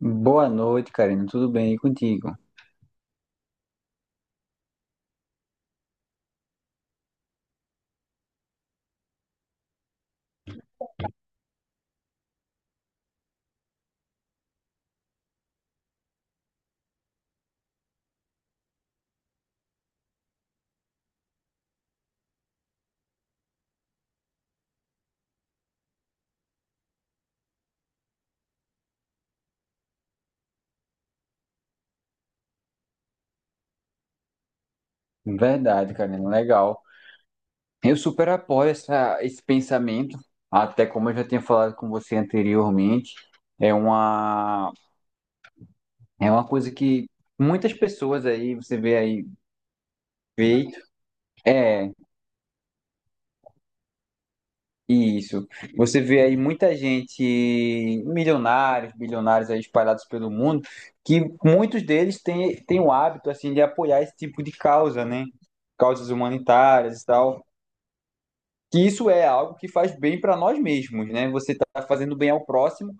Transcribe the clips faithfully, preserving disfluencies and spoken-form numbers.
Boa noite, Karina. Tudo bem e contigo? Verdade, Karina. Legal. Eu super apoio essa- esse pensamento, até como eu já tinha falado com você anteriormente, é uma, é uma coisa que muitas pessoas aí, você vê aí, feito. É. Isso. Você vê aí muita gente, milionários, bilionários aí espalhados pelo mundo, que muitos deles têm, têm o hábito assim de apoiar esse tipo de causa, né? Causas humanitárias e tal. Que isso é algo que faz bem para nós mesmos, né? Você está fazendo bem ao próximo,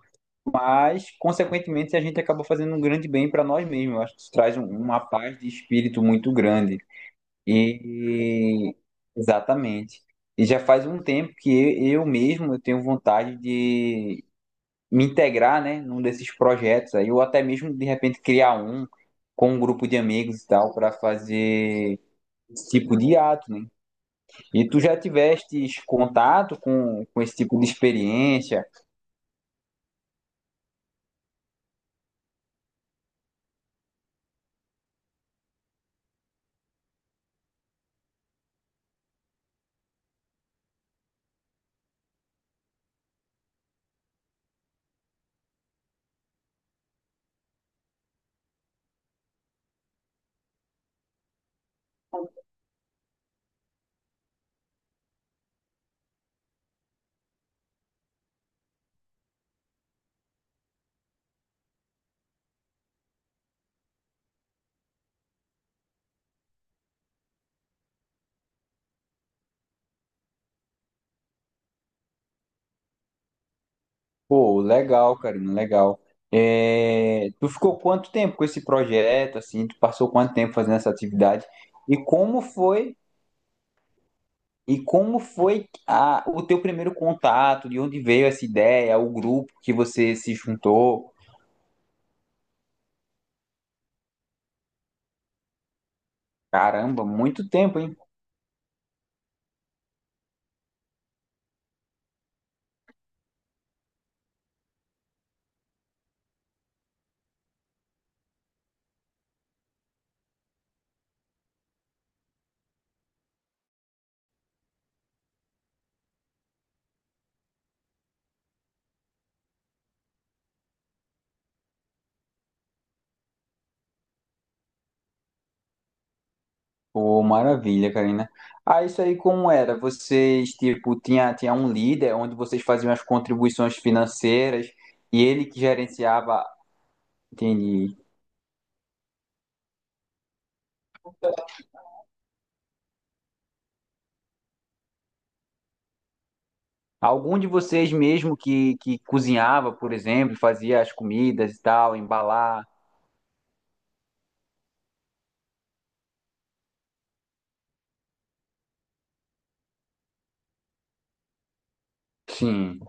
mas consequentemente a gente acaba fazendo um grande bem para nós mesmos. Eu acho que isso traz um- uma paz de espírito muito grande. E exatamente. E já faz um tempo que eu, eu mesmo eu tenho vontade de me integrar, né, num desses projetos aí, ou até mesmo de repente criar um com um grupo de amigos e tal para fazer esse tipo de ato, né? E tu já tiveste contato com, com esse tipo de experiência? Pô, legal, Karina, legal. É, tu ficou quanto tempo com esse projeto, assim? Tu passou quanto tempo fazendo essa atividade? E como foi? E como foi a- o teu primeiro contato? De onde veio essa ideia? O grupo que você se juntou? Caramba, muito tempo, hein? Pô, maravilha, Karina. Ah, isso aí como era? Vocês, tipo, tinha, tinha um líder onde vocês faziam as contribuições financeiras e ele que gerenciava, entendi. Algum de vocês mesmo que, que cozinhava, por exemplo, fazia as comidas e tal, embalar? Sim.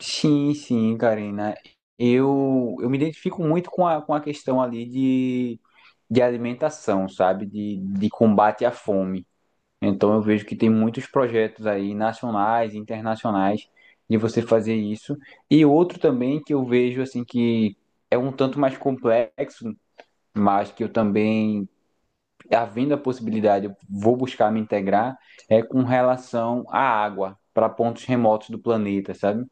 Sim, sim, Karina. Eu, eu me identifico muito com a, com a questão ali de, de alimentação, sabe? De, de combate à fome. Então eu vejo que tem muitos projetos aí, nacionais, internacionais, de você fazer isso. E outro também que eu vejo, assim, que é um tanto mais complexo, mas que eu também, havendo a possibilidade, eu vou buscar me integrar, é com relação à água, para pontos remotos do planeta, sabe?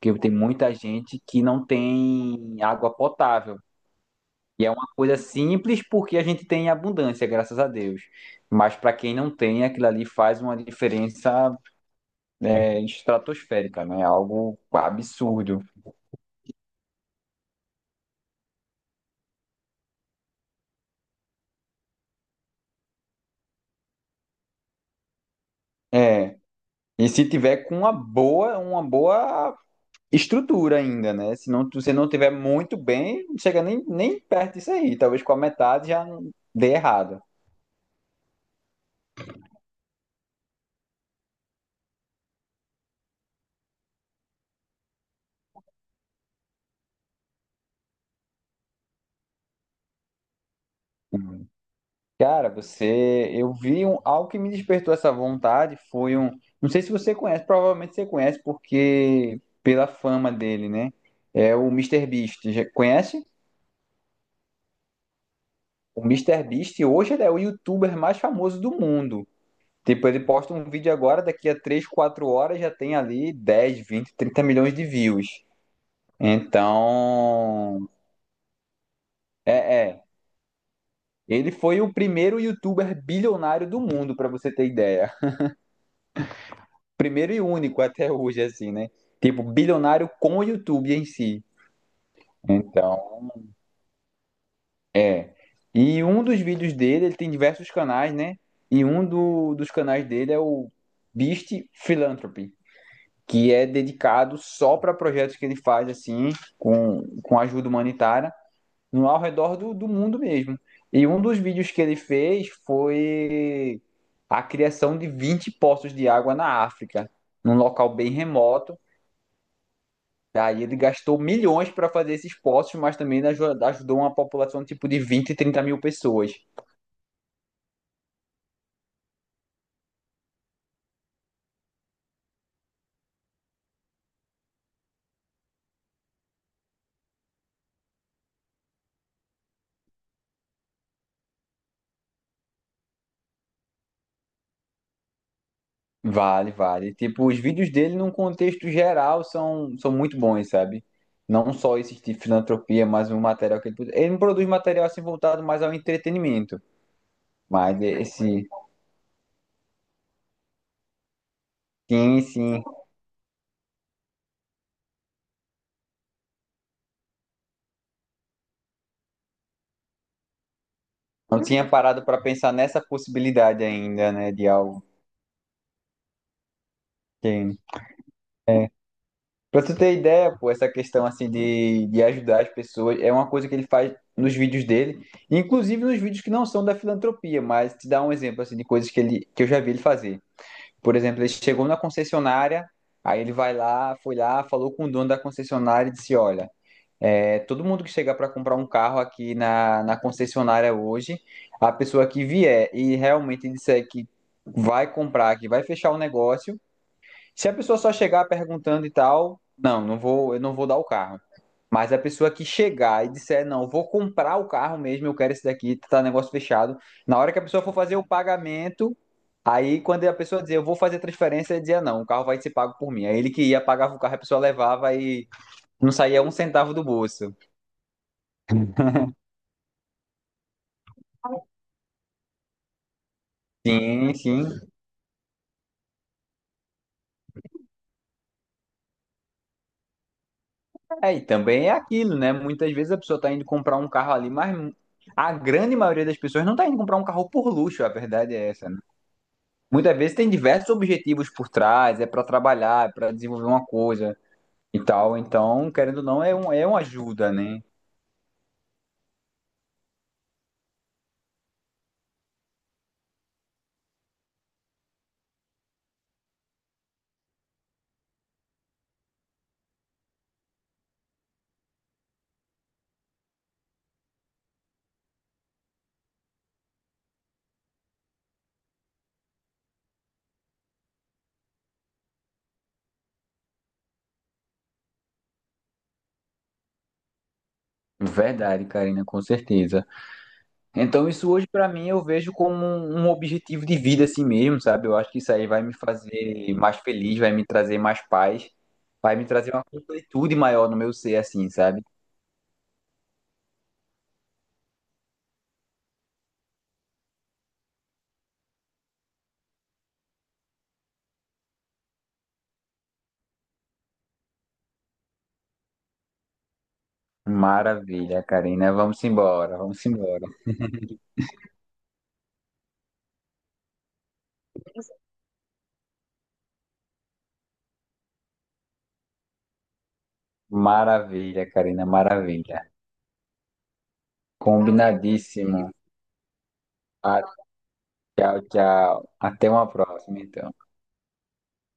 Porque tem muita gente que não tem água potável. E é uma coisa simples porque a gente tem em abundância, graças a Deus. Mas para quem não tem, aquilo ali faz uma diferença é, estratosférica, né? Algo absurdo. É. E se tiver com uma boa, uma boa estrutura ainda, né? Se não, se não tiver muito bem, não chega nem, nem perto disso aí. Talvez com a metade já dê errado. Cara, você, eu vi um, algo que me despertou essa vontade foi um, não sei se você conhece, provavelmente você conhece porque pela fama dele, né? É o Mister Beast. Já conhece? O Mister Beast hoje ele é o youtuber mais famoso do mundo. Tipo, ele posta um vídeo agora, daqui a três, quatro horas já tem ali dez, vinte, trinta milhões de views. Então, é, é. Ele foi o primeiro youtuber bilionário do mundo, pra você ter ideia. Primeiro e único até hoje, assim, né? Tipo, bilionário com o YouTube em si. Então, é. E um dos vídeos dele, ele tem diversos canais, né? E um do- dos canais dele é o Beast Philanthropy, que é dedicado só para projetos que ele faz, assim, com, com ajuda humanitária, no, ao redor do, do mundo mesmo. E um dos vídeos que ele fez foi a criação de vinte poços de água na África, num local bem remoto. Daí ele gastou milhões para fazer esses poços, mas também aju- ajudou uma população tipo de vinte, trinta mil pessoas. Vale, vale. Tipo, os vídeos dele, num contexto geral, são, são muito bons, sabe? Não só esse de filantropia, mas o material que ele produz. Ele não produz material assim voltado mais ao entretenimento. Mas esse. Sim, sim. Não tinha parado para pensar nessa possibilidade ainda, né? De algo. Sim. Pra tu ter ideia, pô, essa questão assim de, de ajudar as pessoas é uma coisa que ele faz nos vídeos dele, inclusive nos vídeos que não são da filantropia, mas te dá um exemplo assim de coisas que ele que eu já vi ele fazer. Por exemplo, ele chegou na concessionária, aí ele vai lá, foi lá, falou com o dono da concessionária e disse: "Olha, é, todo mundo que chegar para comprar um carro aqui na, na concessionária hoje, a pessoa que vier e realmente disser que vai comprar, que vai fechar o negócio, se a pessoa só chegar perguntando e tal, não, não vou, eu não vou dar o carro. Mas a pessoa que chegar e disser, não, eu vou comprar o carro mesmo, eu quero esse daqui, tá tá, negócio fechado. Na hora que a pessoa for fazer o pagamento, aí quando a pessoa dizer, eu vou fazer a transferência, ele dizia, não, o carro vai ser pago por mim. Aí ele que ia, pagava o carro, a pessoa levava e não saía um centavo do bolso. Sim, sim. É, e também é aquilo, né? Muitas vezes a pessoa tá indo comprar um carro ali, mas a grande maioria das pessoas não tá indo comprar um carro por luxo, a verdade é essa, né? Muitas vezes tem diversos objetivos por trás, é para trabalhar, é para desenvolver uma coisa e tal. Então, querendo ou não, é, um, é uma ajuda, né? Verdade, Karina, com certeza. Então, isso hoje para mim eu vejo como um, um objetivo de vida assim mesmo, sabe? Eu acho que isso aí vai me fazer mais feliz, vai me trazer mais paz, vai me trazer uma completude maior no meu ser, assim, sabe? Maravilha, Karina. Vamos embora, vamos embora. Maravilha, Karina, maravilha. Combinadíssimo. Tchau, tchau. Até uma próxima, então.